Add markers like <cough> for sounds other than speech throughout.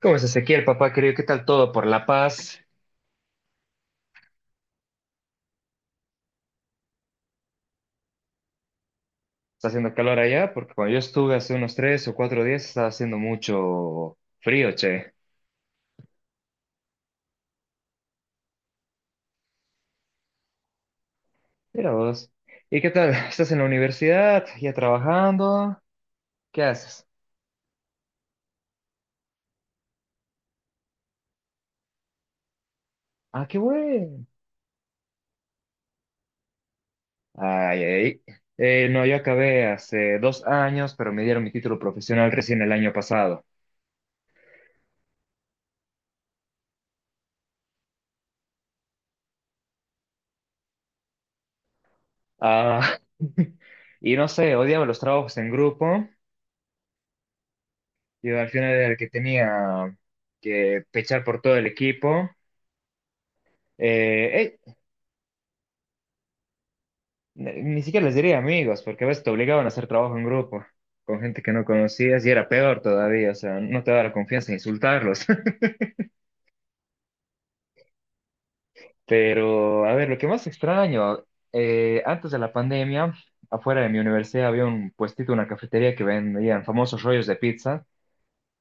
¿Cómo es Ezequiel, papá querido? ¿Qué tal todo por La Paz? ¿Está haciendo calor allá? Porque cuando yo estuve hace unos 3 o 4 días estaba haciendo mucho frío, che. Mira vos. ¿Y qué tal? ¿Estás en la universidad? ¿Ya trabajando? ¿Qué haces? Ah, qué bueno. Ay, ay. No, yo acabé hace 2 años, pero me dieron mi título profesional recién el año pasado. Ah, <laughs> y no sé, odiaba los trabajos en grupo. Yo al final era el que tenía que pechar por todo el equipo. Eh, eh, Ni siquiera les diría amigos, porque a veces te obligaban a hacer trabajo en grupo con gente que no conocías y era peor todavía, o sea, no te daba la confianza de insultarlos. <laughs> Pero, a ver, lo que más extraño, antes de la pandemia, afuera de mi universidad había un puestito, una cafetería que vendían famosos rollos de pizza,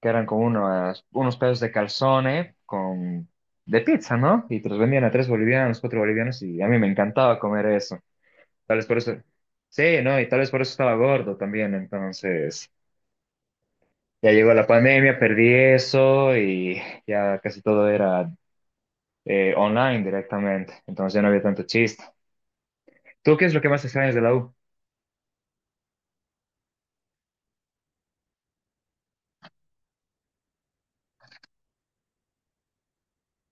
que eran como unos pedazos de calzone de pizza, ¿no? Y te los vendían a 3 bolivianos, 4 bolivianos, y a mí me encantaba comer eso. Tal vez por eso. Sí, no, y tal vez por eso estaba gordo también. Entonces, ya llegó la pandemia, perdí eso y ya casi todo era online directamente. Entonces ya no había tanto chiste. ¿Tú qué es lo que más extrañas de la U?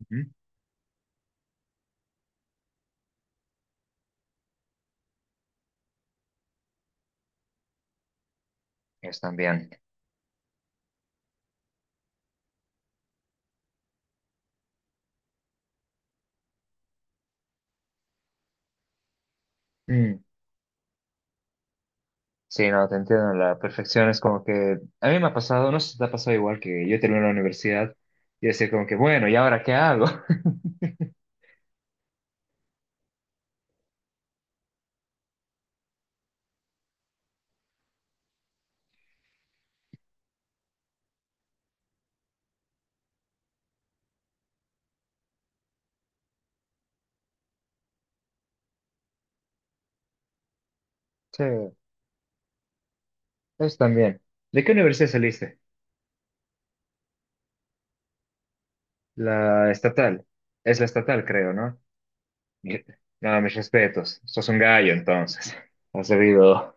Ujú. Ellos también. Mm, sí, no, te entiendo. La perfección es como que a mí me ha pasado, no sé si te ha pasado igual que yo terminé la universidad y decir como que, bueno, ¿y ahora qué hago? <laughs> Sí, eso también. ¿De qué universidad saliste? La estatal. Es la estatal, creo, ¿no? No, mis respetos. Sos un gallo, entonces. Has debido,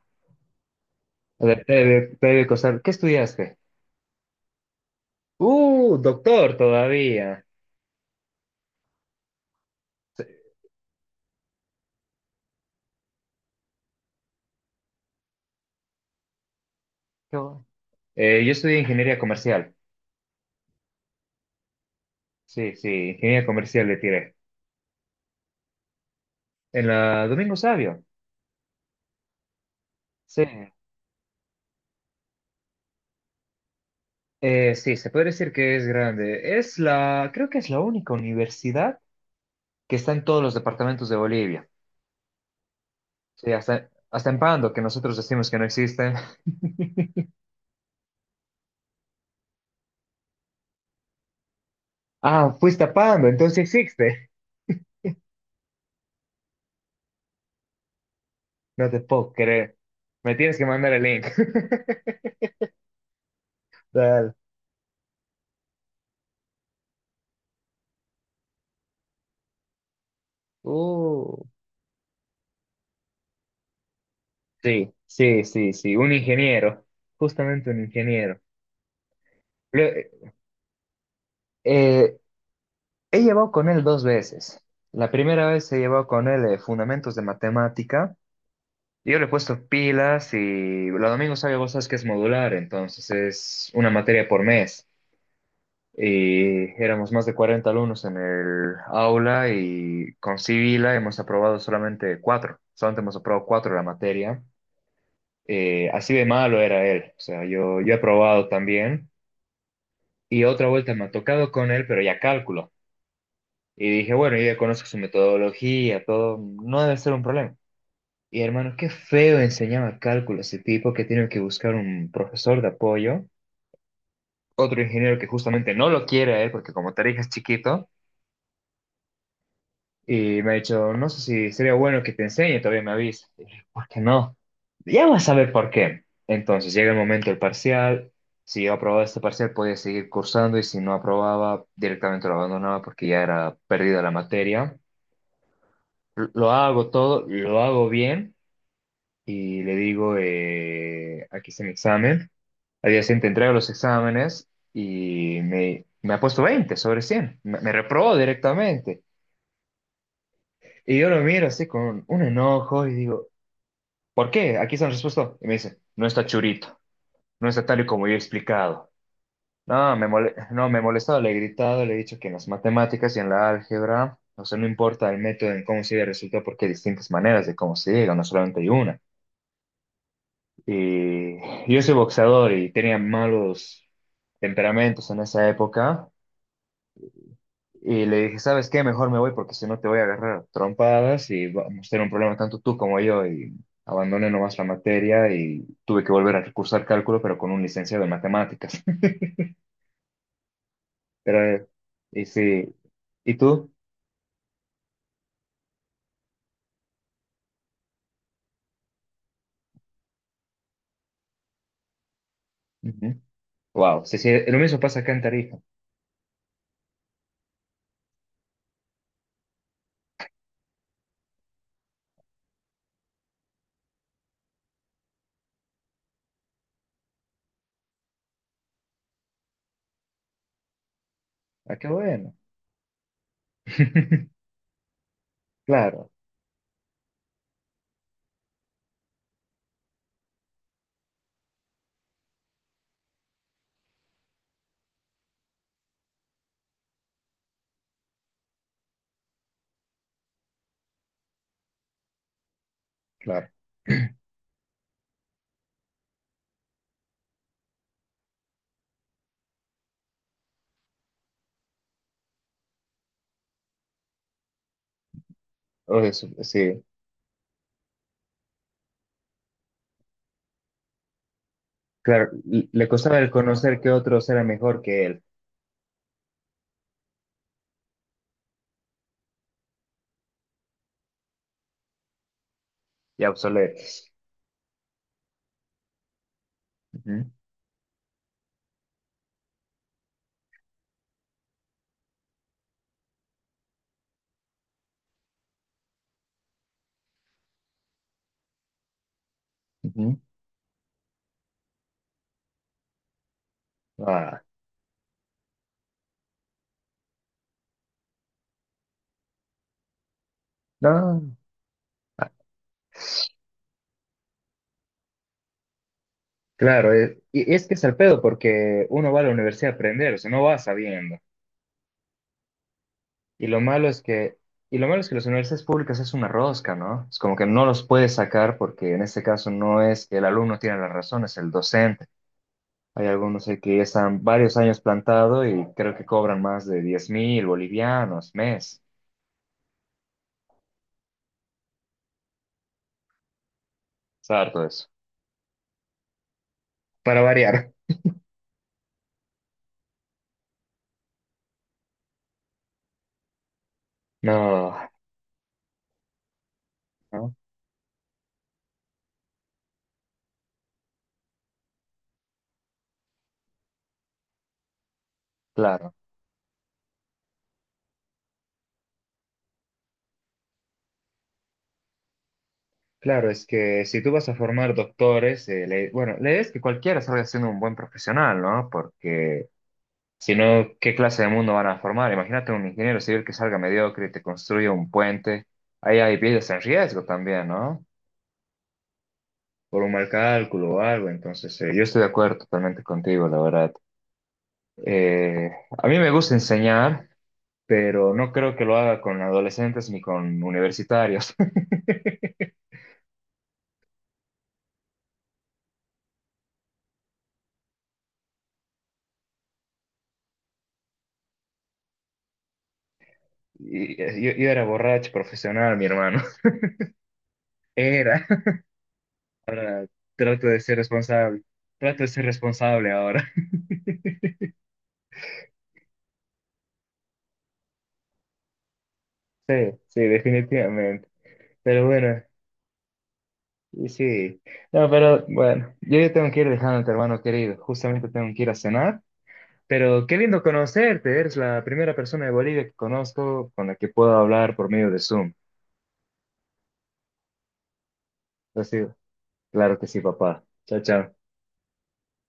te debe costar. ¿Qué estudiaste? Doctor todavía. Sí, qué bueno. Yo estudié ingeniería comercial. Sí, sí, ingeniería comercial le tiré. En la Domingo Sabio. Sí. Sí, se puede decir que es grande. Es la, creo que es la única universidad que está en todos los departamentos de Bolivia. Sí, hasta en Pando, que nosotros decimos que no existe. <laughs> Ah, fuiste a Pando, entonces sí existe. No te puedo creer. Me tienes que mandar el link. <laughs> Tal. Uh, sí, sí, sí, sí. Un ingeniero. Justamente un ingeniero. Lue- eh, he llevado con él 2 veces. La primera vez he llevado con él fundamentos de matemática. Yo le he puesto pilas y los domingos sabe vos sabes que es modular, entonces es una materia por mes. Y éramos más de 40 alumnos en el aula y con Civila hemos aprobado solamente cuatro. Solamente hemos aprobado cuatro la materia. Así de malo era él. O sea, yo he aprobado también. Y otra vuelta me ha tocado con él, pero ya cálculo. Y dije, bueno, yo ya conozco su metodología, todo. No debe ser un problema. Y hermano, qué feo enseñaba cálculo ese tipo que tiene que buscar un profesor de apoyo. Otro ingeniero que justamente no lo quiere a él, porque como te dije es chiquito. Y me ha dicho, no sé si sería bueno que te enseñe, todavía me avisa. Y dije, ¿por qué no? Ya vas a ver por qué. Entonces llega el momento del parcial. Si yo aprobaba este parcial, podía seguir cursando y si no aprobaba, directamente lo abandonaba porque ya era perdida la materia. Lo hago todo, lo hago bien y le digo, aquí está mi examen. Al día siguiente entrego los exámenes y me ha puesto 20 sobre 100. Me reprobó directamente. Y yo lo miro así con un enojo y digo, ¿Por qué? Aquí está la respuesta. Y me dice, no está churito, no está tal y como yo he explicado. No, me mole- no, me he molestado, le he gritado, le he dicho que en las matemáticas y en la álgebra, o sea, no importa el método en cómo se llega al resultado porque hay distintas maneras de cómo se llega, no solamente hay una. Y yo soy boxeador y tenía malos temperamentos en esa época. Y le dije, ¿sabes qué? Mejor me voy porque si no te voy a agarrar a trompadas y vamos a tener un problema tanto tú como yo. Y abandoné nomás la materia y tuve que volver a recursar cálculo, pero con un licenciado en matemáticas. <laughs> Pero, y sí, ¿y tú? Ujú. Wow, sí, sí, lo mismo pasa acá en Tarija. Ah, qué bueno. <laughs> Claro, claro. O eso, sí, claro. Le costaba el conocer que otros eran mejor que él y obsoletos. Ujú, ujú. Ah, no. Claro, y es que es el pedo porque uno va a la universidad a aprender, o sea, no va sabiendo. Y lo malo es que, y lo malo es que las universidades públicas es una rosca, ¿no? Es como que no los puedes sacar porque en este caso no es que el alumno tiene la razón, es el docente. Hay algunos ahí que ya están varios años plantado y creo que cobran más de 10.000 bolivianos mes. Es harto eso. Para variar. No, ¿no? Claro. Claro, es que si tú vas a formar doctores, bueno, la idea es que cualquiera salga siendo un buen profesional, ¿no? Porque si no, ¿qué clase de mundo van a formar? Imagínate un ingeniero civil que salga mediocre y te construye un puente. Ahí hay vidas en riesgo también, ¿no? Por un mal cálculo o algo. Entonces, yo estoy de acuerdo totalmente contigo, la verdad. Eh, a mí me gusta enseñar, pero no creo que lo haga con adolescentes ni con universitarios. <laughs> Y, yo era borracho profesional, mi hermano. <laughs> Era. Ahora trato de ser responsable. Trato de ser responsable ahora. <laughs> Sí, sí, definitivamente. Pero bueno, y sí. No, pero bueno, yo ya tengo que ir dejándote, hermano querido. Justamente tengo que ir a cenar. Pero qué lindo conocerte. Eres la primera persona de Bolivia que conozco con la que puedo hablar por medio de Zoom. Ha sido. Claro que sí, papá. Chao, chao.